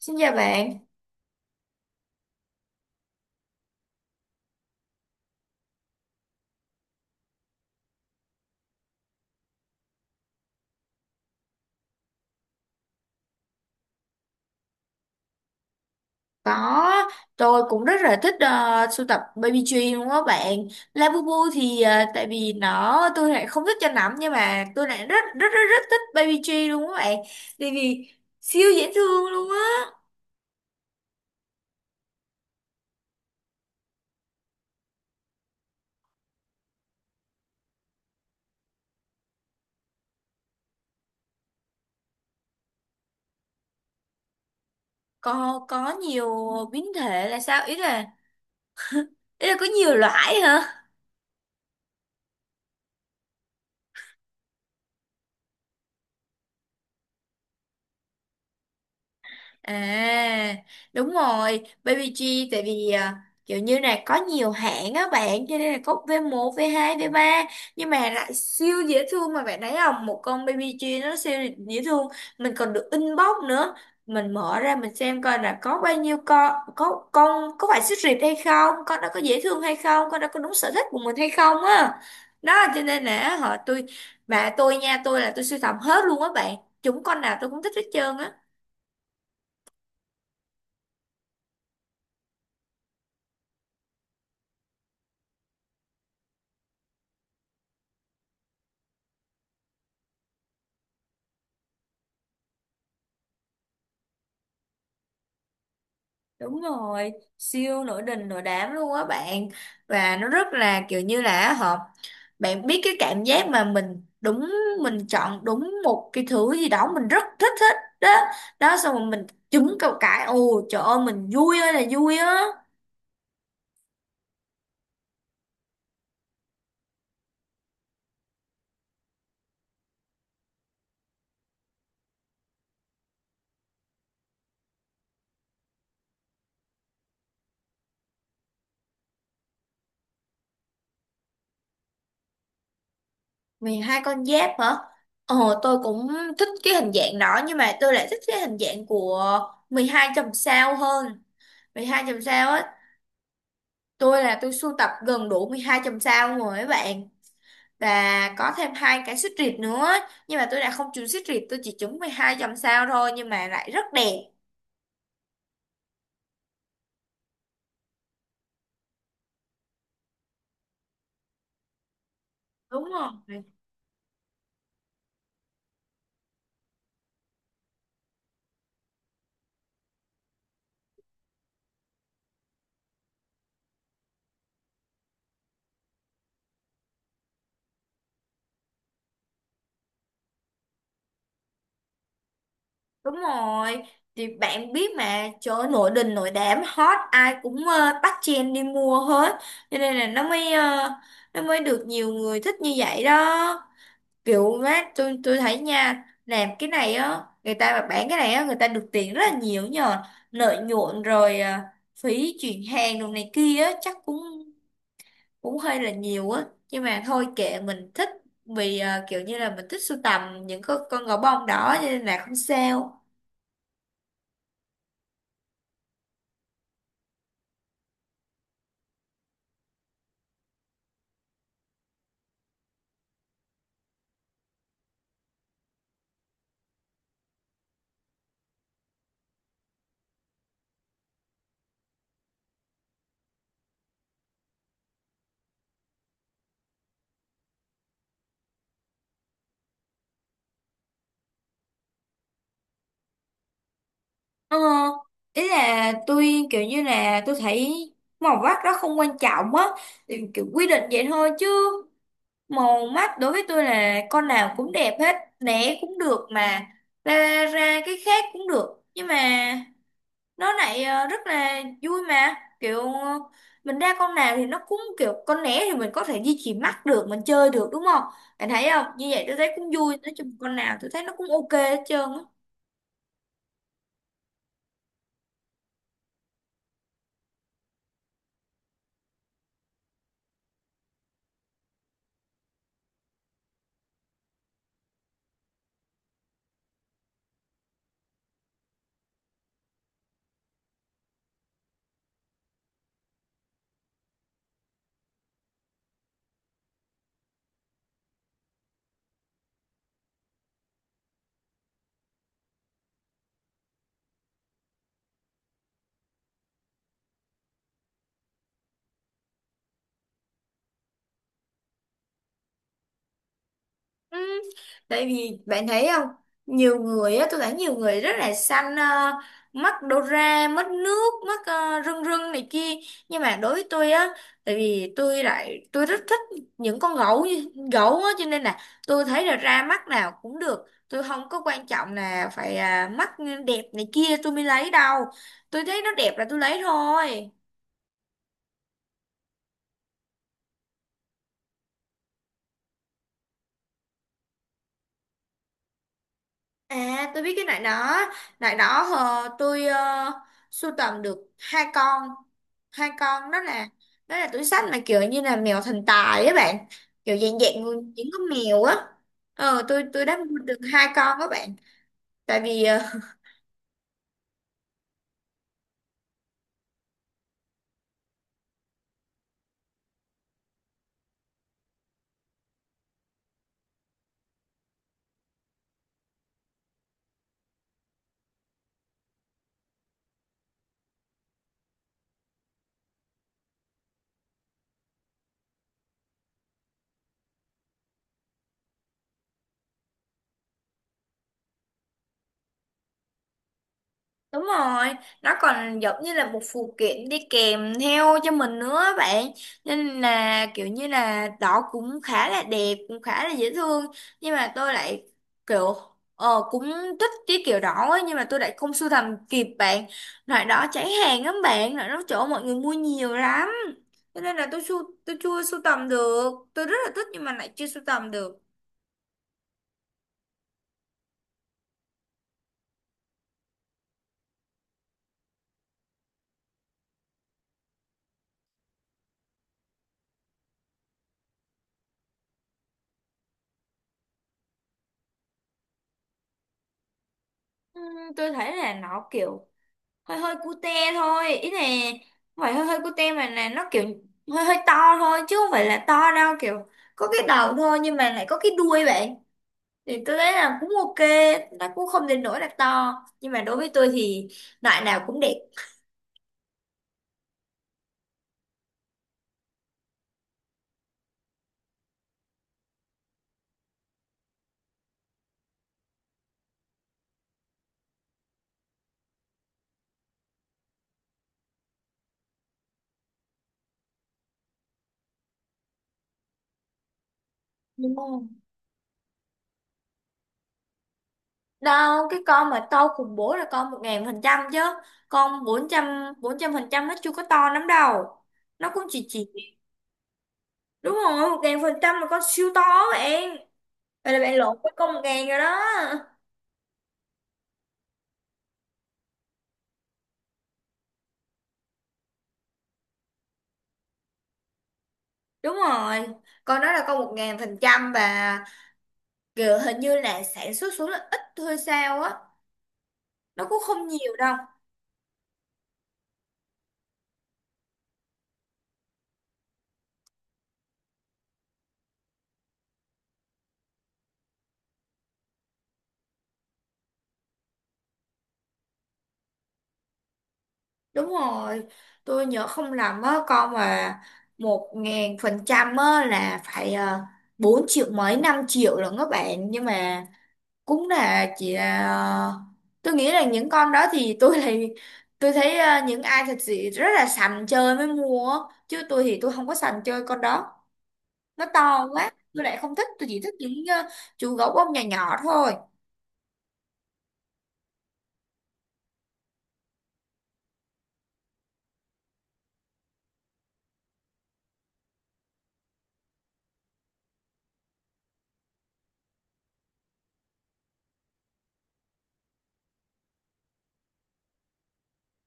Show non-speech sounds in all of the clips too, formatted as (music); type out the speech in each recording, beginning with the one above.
Xin chào bạn, có tôi cũng rất là thích sưu tập baby tree luôn á bạn. Labubu thì tại vì nó tôi lại không thích cho lắm nhưng mà tôi lại rất rất rất rất thích baby tree luôn á bạn. Tại vì siêu dễ thương luôn á. Có nhiều biến thể là sao? Ý là có nhiều loại hả? À, Đúng rồi, Baby G, tại vì kiểu như là có nhiều hãng á bạn, cho nên là có v một v hai v ba, nhưng mà lại siêu dễ thương mà bạn thấy không? Một con Baby G nó siêu dễ thương, mình còn được inbox nữa. Mình mở ra mình xem coi là có bao nhiêu con có phải xích rịt hay không, con đó có dễ thương hay không, con đó có đúng sở thích của mình hay không á. Đó cho nên là họ tôi bà tôi nha, tôi là tôi sưu tầm hết luôn á bạn. Chúng con nào tôi cũng thích hết trơn á. Đúng rồi, siêu nổi đình nổi đám luôn á bạn. Và nó rất là kiểu như là hợp. Bạn biết cái cảm giác mà mình đúng, mình chọn đúng một cái thứ gì đó, mình rất thích thích đó. Đó xong rồi mình trúng cầu cãi, ồ trời ơi mình vui ơi là vui á. Vì hai con giáp hả? Ồ tôi cũng thích cái hình dạng đó. Nhưng mà tôi lại thích cái hình dạng của 12 chòm sao hơn, 12 chòm sao á. Tôi là tôi sưu tập gần đủ 12 chòm sao luôn rồi các bạn, và có thêm hai cái xích rịt nữa, nhưng mà tôi đã không trúng xích rịt, tôi chỉ trúng 12 dòng sao thôi nhưng mà lại rất đẹp. Đúng rồi, đúng rồi, thì bạn biết mà, trời ơi, nổi đình nổi đám hot, ai cũng bắt chen đi mua hết, cho nên là nó mới nó mới được nhiều người thích như vậy đó. Kiểu mát tôi thấy nha, làm cái này á, người ta mà bán cái này á, người ta được tiền rất là nhiều nhờ lợi nhuận, rồi phí chuyển hàng đồ này kia á chắc cũng cũng hơi là nhiều á, nhưng mà thôi kệ mình thích, vì kiểu như là mình thích sưu tầm những con gấu bông đỏ cho nên là không sao. Ờ, Ý là tôi kiểu như là tôi thấy màu mắt đó không quan trọng á, thì kiểu quy định vậy thôi chứ, màu mắt đối với tôi là con nào cũng đẹp hết né, cũng được mà, ra ra cái khác cũng được, nhưng mà nó lại rất là vui mà, kiểu mình ra con nào thì nó cũng kiểu con né thì mình có thể duy trì mắt được, mình chơi được đúng không? Bạn thấy không, như vậy tôi thấy cũng vui, nói chung con nào tôi thấy nó cũng ok hết trơn á. Ừ, tại vì bạn thấy không, nhiều người á tôi thấy nhiều người rất là xanh mắt đô ra, mất nước mắt rưng rưng này kia, nhưng mà đối với tôi á, tại vì tôi lại tôi rất thích những gấu á, cho nên là tôi thấy là ra mắt nào cũng được, tôi không có quan trọng là phải mắt đẹp này kia tôi mới lấy đâu, tôi thấy nó đẹp là tôi lấy thôi. À, tôi biết cái nải đó. Nải đó tôi sưu tầm được hai con. Hai con đó là túi xách mà kiểu như là mèo thần tài á bạn. Kiểu dạng dạng những con mèo á. Ờ tôi đã mua được hai con các bạn. Tại vì đúng rồi, nó còn giống như là một phụ kiện đi kèm theo cho mình nữa á bạn. Nên là kiểu như là đó cũng khá là đẹp, cũng khá là dễ thương. Nhưng mà tôi lại kiểu cũng thích cái kiểu đó ấy, nhưng mà tôi lại không sưu tầm kịp bạn. Loại đó cháy hàng lắm bạn, loại đó chỗ mọi người mua nhiều lắm. Cho nên là tôi chưa sưu tầm được. Tôi rất là thích nhưng mà lại chưa sưu tầm được. Ừ, tôi thấy là nó kiểu hơi hơi cute thôi ý này, không phải hơi hơi cute mà là nó kiểu hơi hơi to thôi, chứ không phải là to đâu, kiểu có cái đầu thôi nhưng mà lại có cái đuôi vậy, thì tôi thấy là cũng ok, nó cũng không đến nỗi là to, nhưng mà đối với tôi thì loại nào cũng đẹp. Đúng không, đâu, cái con mà to khủng bố là con 1000% chứ, con 400% nó chưa có to lắm đâu, nó cũng chỉ đúng rồi. Một ngàn phần trăm là con siêu to bạn, vậy là bạn lộn với con một ngàn rồi đó. Đúng rồi, con đó là con 1000%, và kiểu hình như là sản xuất xuống là ít thôi sao á, nó cũng không nhiều đâu. Đúng rồi, tôi nhớ không lầm á, con mà 1000% á là phải 4 triệu mấy 5 triệu lận các bạn, nhưng mà cũng là chỉ là tôi nghĩ là những con đó thì tôi thấy những ai thật sự rất là sành chơi mới mua á. Chứ tôi thì tôi không có sành chơi con đó. Nó to quá tôi lại không thích, tôi chỉ thích những chú gấu bông nhỏ nhỏ thôi.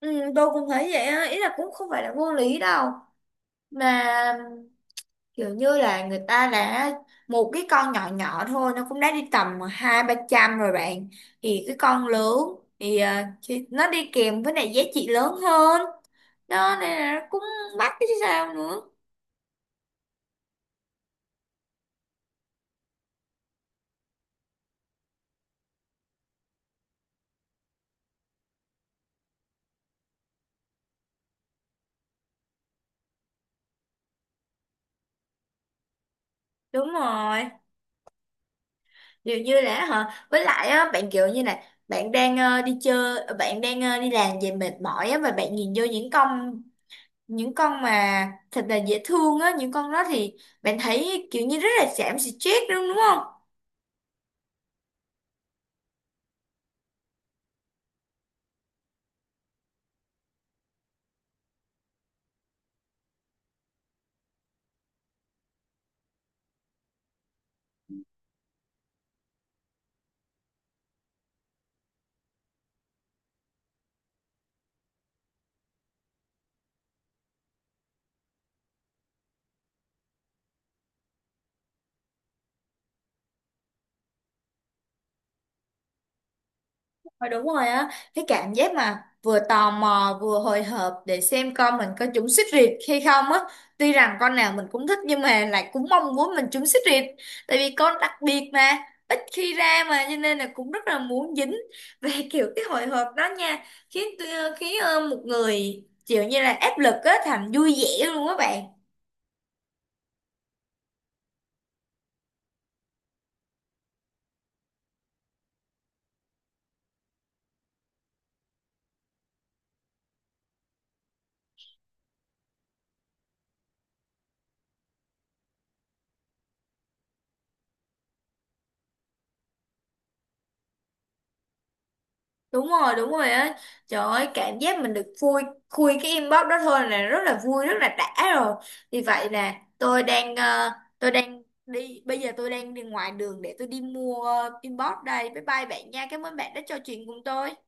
Ừ, tôi cũng thấy vậy á, ý là cũng không phải là vô lý đâu, mà kiểu như là người ta đã, một cái con nhỏ nhỏ thôi nó cũng đã đi tầm hai ba trăm rồi bạn, thì cái con lớn thì thì nó đi kèm với lại giá trị lớn hơn đó, nên là nó cũng mắc chứ sao nữa. Đúng rồi, điều như là hả? Với lại á, bạn kiểu như này, bạn đang đi chơi, bạn đang đi làm về mệt mỏi á, và bạn nhìn vô những con mà thật là dễ thương á, những con đó thì bạn thấy kiểu như rất là giảm stress, đúng đúng không? Ờ, đúng rồi á, cái cảm giác mà vừa tò mò vừa hồi hộp để xem con mình có trúng xích riệt hay không á. Tuy rằng con nào mình cũng thích nhưng mà lại cũng mong muốn mình trúng xích riệt. Tại vì con đặc biệt mà, ít khi ra mà cho nên là cũng rất là muốn dính. Về (laughs) kiểu cái hồi hộp đó nha, khiến khiến một người kiểu như là áp lực á thành vui vẻ luôn á bạn. Đúng rồi, đúng rồi á, trời ơi cảm giác mình được khui khui cái inbox đó thôi là rất là vui rất là đã rồi. Vì vậy nè tôi đang tôi đang đi, bây giờ tôi đang đi ngoài đường để tôi đi mua inbox đây. Bye bye bạn nha, cảm ơn bạn đã trò chuyện cùng tôi.